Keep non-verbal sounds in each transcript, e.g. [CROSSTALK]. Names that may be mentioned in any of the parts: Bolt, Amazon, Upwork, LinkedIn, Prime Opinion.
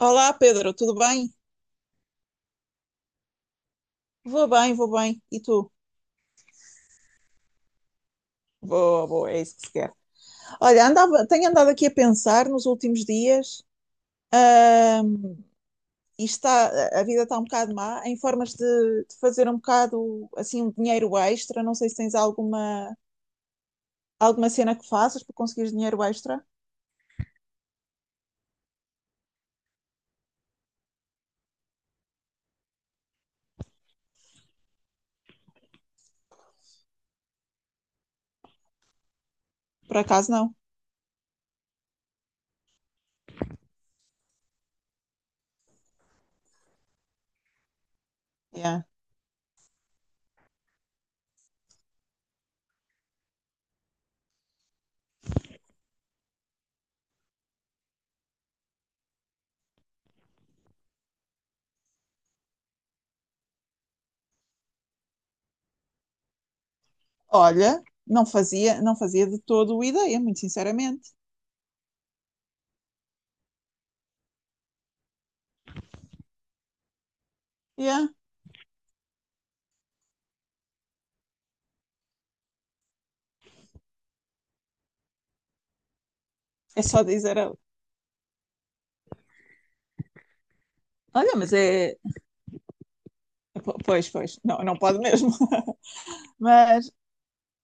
Olá, Pedro, tudo bem? Vou bem, vou bem. E tu? Boa, boa, é isso que se quer. Olha, tenho andado aqui a pensar nos últimos dias, ahm, e está, a vida está um bocado má, em formas de fazer um bocado, assim, um dinheiro extra. Não sei se tens alguma cena que faças para conseguir dinheiro extra. Por acaso, não. Yeah. Olha, não fazia de todo ideia, muito sinceramente. Yeah. É só dizer, olha, mas é. Pois, pois, não pode mesmo. [LAUGHS] Mas,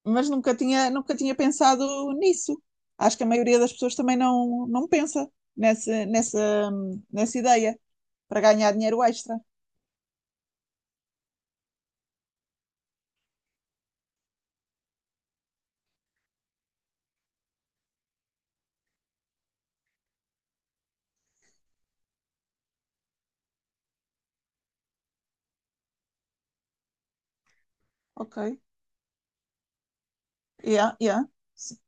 mas nunca tinha pensado nisso. Acho que a maioria das pessoas também não pensa nessa ideia para ganhar dinheiro extra. Ok. Yeah, yeah. Sim.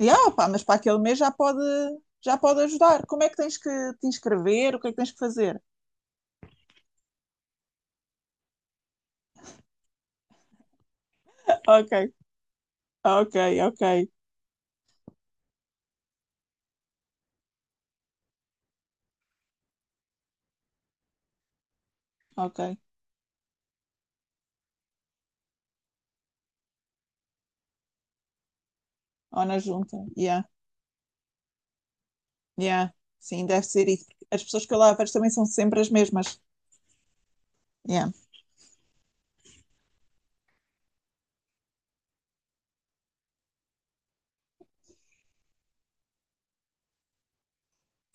Yeah, pá, mas para aquele mês já pode ajudar. Como é que tens que te inscrever? O que é que tens que fazer? Ok, ok, ok, ok. Ou na junta. Yeah, yeah. Sim, deve ser isso. As pessoas que eu lá vejo também são sempre as mesmas. Yeah,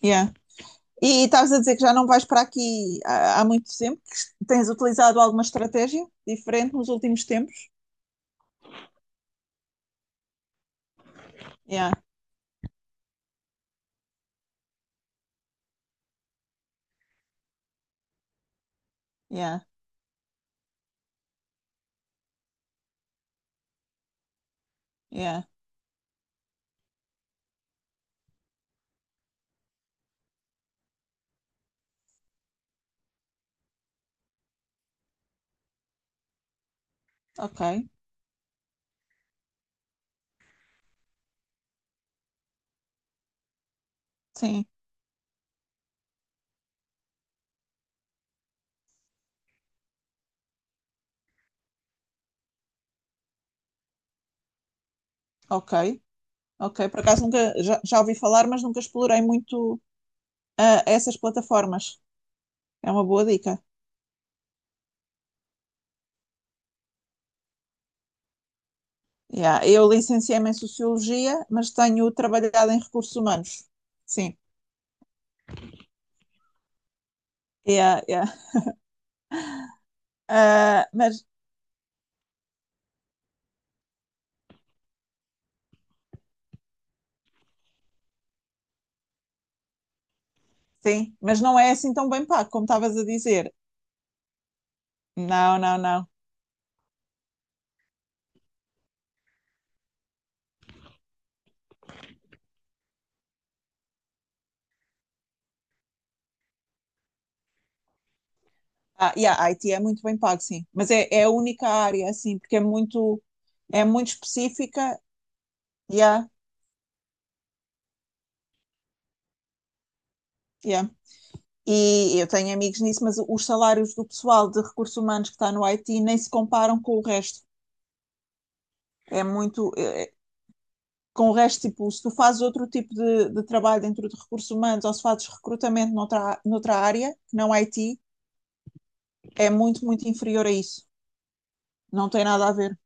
yeah. E estavas a dizer que já não vais para aqui há muito tempo, que tens utilizado alguma estratégia diferente nos últimos tempos? Yeah, yeah, yeah. Ok, sim, ok, ok. Por acaso nunca, já ouvi falar, mas nunca explorei muito essas plataformas. É uma boa dica. Yeah. Eu licenciei-me em Sociologia, mas tenho trabalhado em recursos humanos. Sim. Yeah, yeah. Ah, mas sim, mas não é assim tão bem pago, como estavas a dizer. Não, não, não. Ah, yeah, a IT é muito bem pago, sim. Mas é a única área, assim, porque é muito específica. Yeah, yeah. E eu tenho amigos nisso, mas os salários do pessoal de recursos humanos que está no IT nem se comparam com o resto. É muito. é- é, com o resto, tipo, se tu fazes outro tipo de trabalho dentro de recursos humanos ou se fazes recrutamento noutra área, que não IT, é muito, muito inferior a isso. Não tem nada a ver.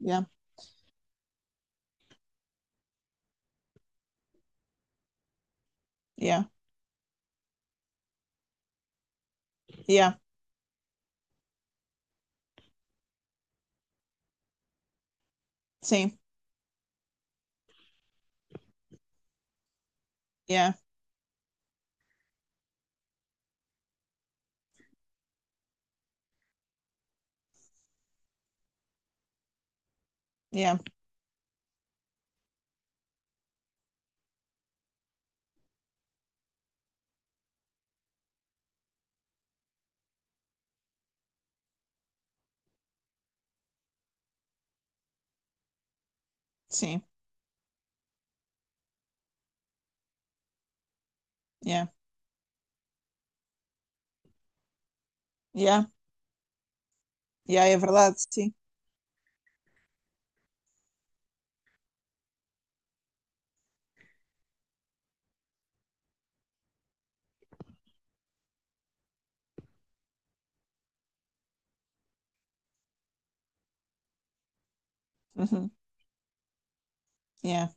Yeah, yeah, yeah. Sim, yeah, yeah, sim, yeah, yeah. Yeah, é verdade, sim. Uhum. Yeah.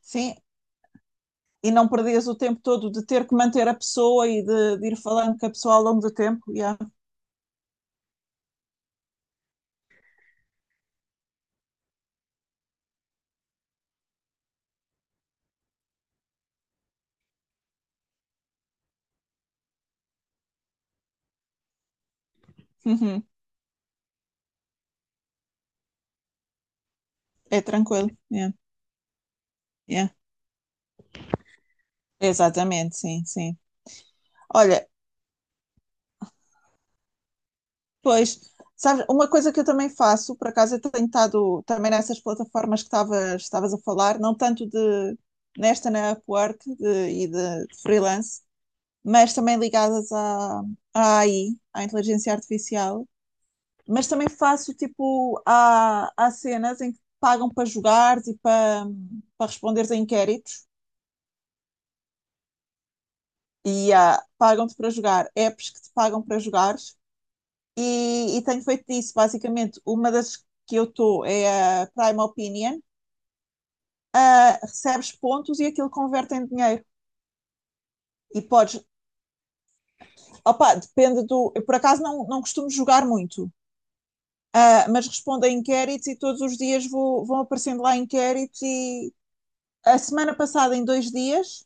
Sim, e não perdes o tempo todo de ter que manter a pessoa e de ir falando com a pessoa ao longo do tempo. Yeah. Uhum. É tranquilo. Yeah. Yeah. Exatamente, sim, sim. Olha, pois, sabes, uma coisa que eu também faço, por acaso eu tenho estado também nessas plataformas que estavas a falar, não tanto de nesta na Upwork e de freelance, mas também ligadas à AI, à inteligência artificial. Mas também faço tipo, há cenas em que pagam para jogar e para responderes a inquéritos e pagam-te para jogar apps que te pagam para jogar e tenho feito isso basicamente. Uma das que eu estou é a Prime Opinion. Ah, recebes pontos e aquilo converte em dinheiro. E podes, opa, depende do. Eu por acaso não costumo jogar muito, mas respondo a inquéritos e todos os dias vão aparecendo lá inquéritos. E a semana passada, em 2 dias,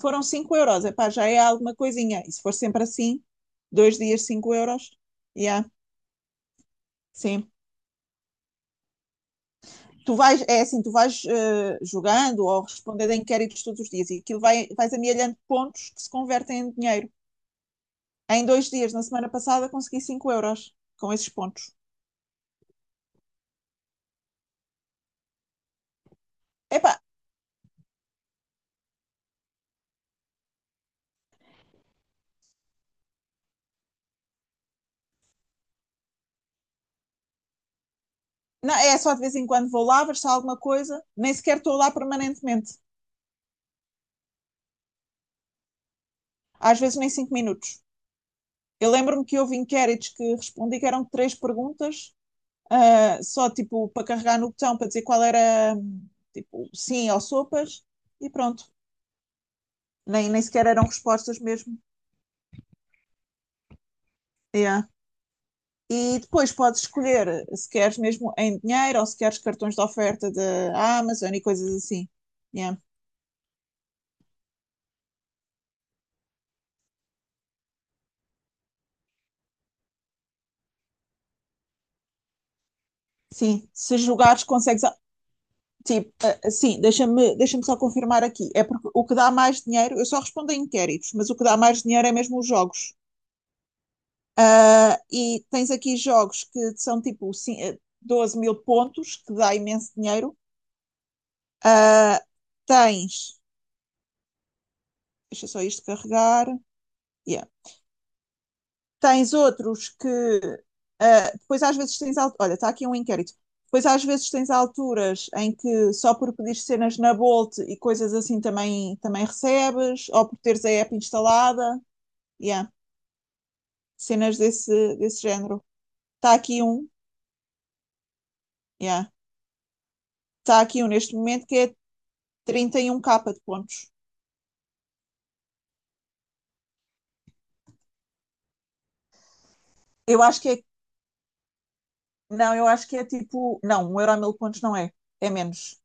foram 5 euros. Epá, já é alguma coisinha. E se for sempre assim, 2 dias 5 euros, yeah, sim. É assim, tu vais jogando ou respondendo a inquéritos todos os dias e aquilo vais amealhando pontos que se convertem em dinheiro. Em 2 dias, na semana passada, consegui 5 € com esses pontos. Epá, não, é só de vez em quando vou lá, ver se há alguma coisa, nem sequer estou lá permanentemente. Às vezes nem 5 minutos. Eu lembro-me que houve inquéritos que respondi que eram três perguntas, só tipo para carregar no botão para dizer qual era, tipo sim ou sopas, e pronto. Nem sequer eram respostas mesmo. Yeah. E depois podes escolher se queres mesmo em dinheiro ou se queres cartões de oferta da Amazon e coisas assim. Yeah. Sim, se jogares consegues. Tipo, ah, sim, deixa-me só confirmar aqui. É porque o que dá mais dinheiro, eu só respondo a inquéritos, mas o que dá mais dinheiro é mesmo os jogos. Ah, e tens aqui jogos que são tipo 12 mil pontos, que dá imenso dinheiro. Ah, tens, deixa só isto carregar. Yeah. Tens outros que depois às vezes tens, olha, está aqui um inquérito. Depois às vezes tens alturas em que só por pedir cenas na Bolt e coisas assim também recebes, ou por teres a app instalada. Yeah. Cenas desse género. Está aqui um, yeah. Está aqui um neste momento que é 31K de pontos. Eu acho que é. Não, eu acho que é tipo. Não, 1 € a 1000 pontos não é. É menos.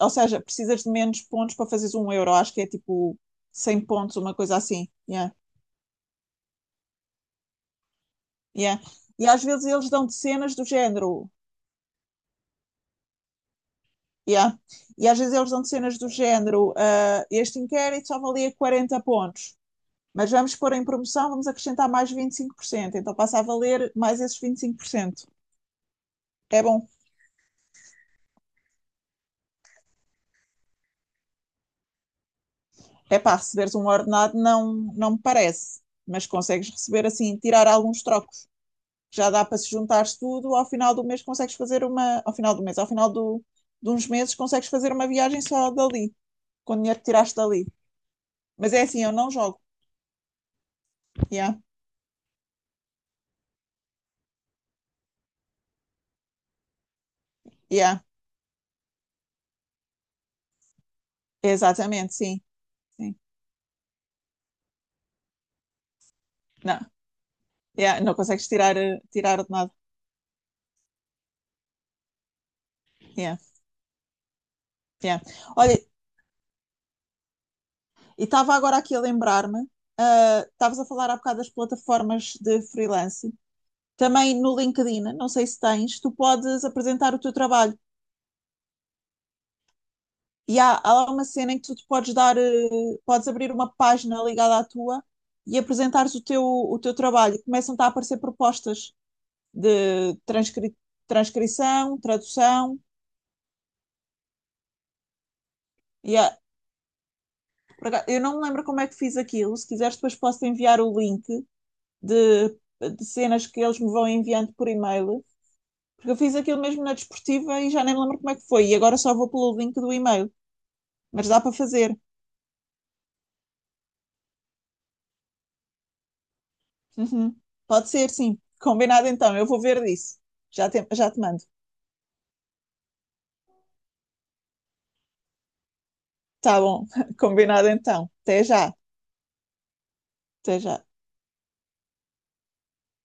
Ou seja, precisas de menos pontos para fazeres um euro. Acho que é tipo 100 pontos, uma coisa assim. Yeah, yeah. E às vezes eles dão de cenas do género. Yeah. E às vezes eles dão de cenas do género, este inquérito só valia 40 pontos. Mas vamos pôr em promoção, vamos acrescentar mais 25%. Então passa a valer mais esses 25%. É bom. É pá, receberes um ordenado não me parece, mas consegues receber assim, tirar alguns trocos. Já dá para se juntares tudo, ao final do mês consegues fazer uma, ao final do mês, ao final do, de uns meses consegues fazer uma viagem só dali, com o dinheiro que tiraste dali. Mas é assim, eu não jogo. Yeah, yeah, exatamente, sim. Sim. Não, yeah, não consegues tirar de nada. Yeah, yeah. Olha, e estava agora aqui a lembrar-me, estavas a falar há bocado das plataformas de freelance. Também no LinkedIn, não sei se tens, tu podes apresentar o teu trabalho. E há lá uma cena em que tu te podes dar, podes abrir uma página ligada à tua e apresentares o teu trabalho. Começam-te a aparecer propostas de transcrição, tradução. E eu não me lembro como é que fiz aquilo. Se quiseres, depois posso enviar o link de, de cenas que eles me vão enviando por e-mail. Porque eu fiz aquilo mesmo na desportiva e já nem me lembro como é que foi. E agora só vou pelo link do e-mail. Mas dá para fazer. Uhum. Pode ser, sim. Combinado então, eu vou ver disso. Já te mando. Tá bom, [LAUGHS] combinado então. Até já, até já.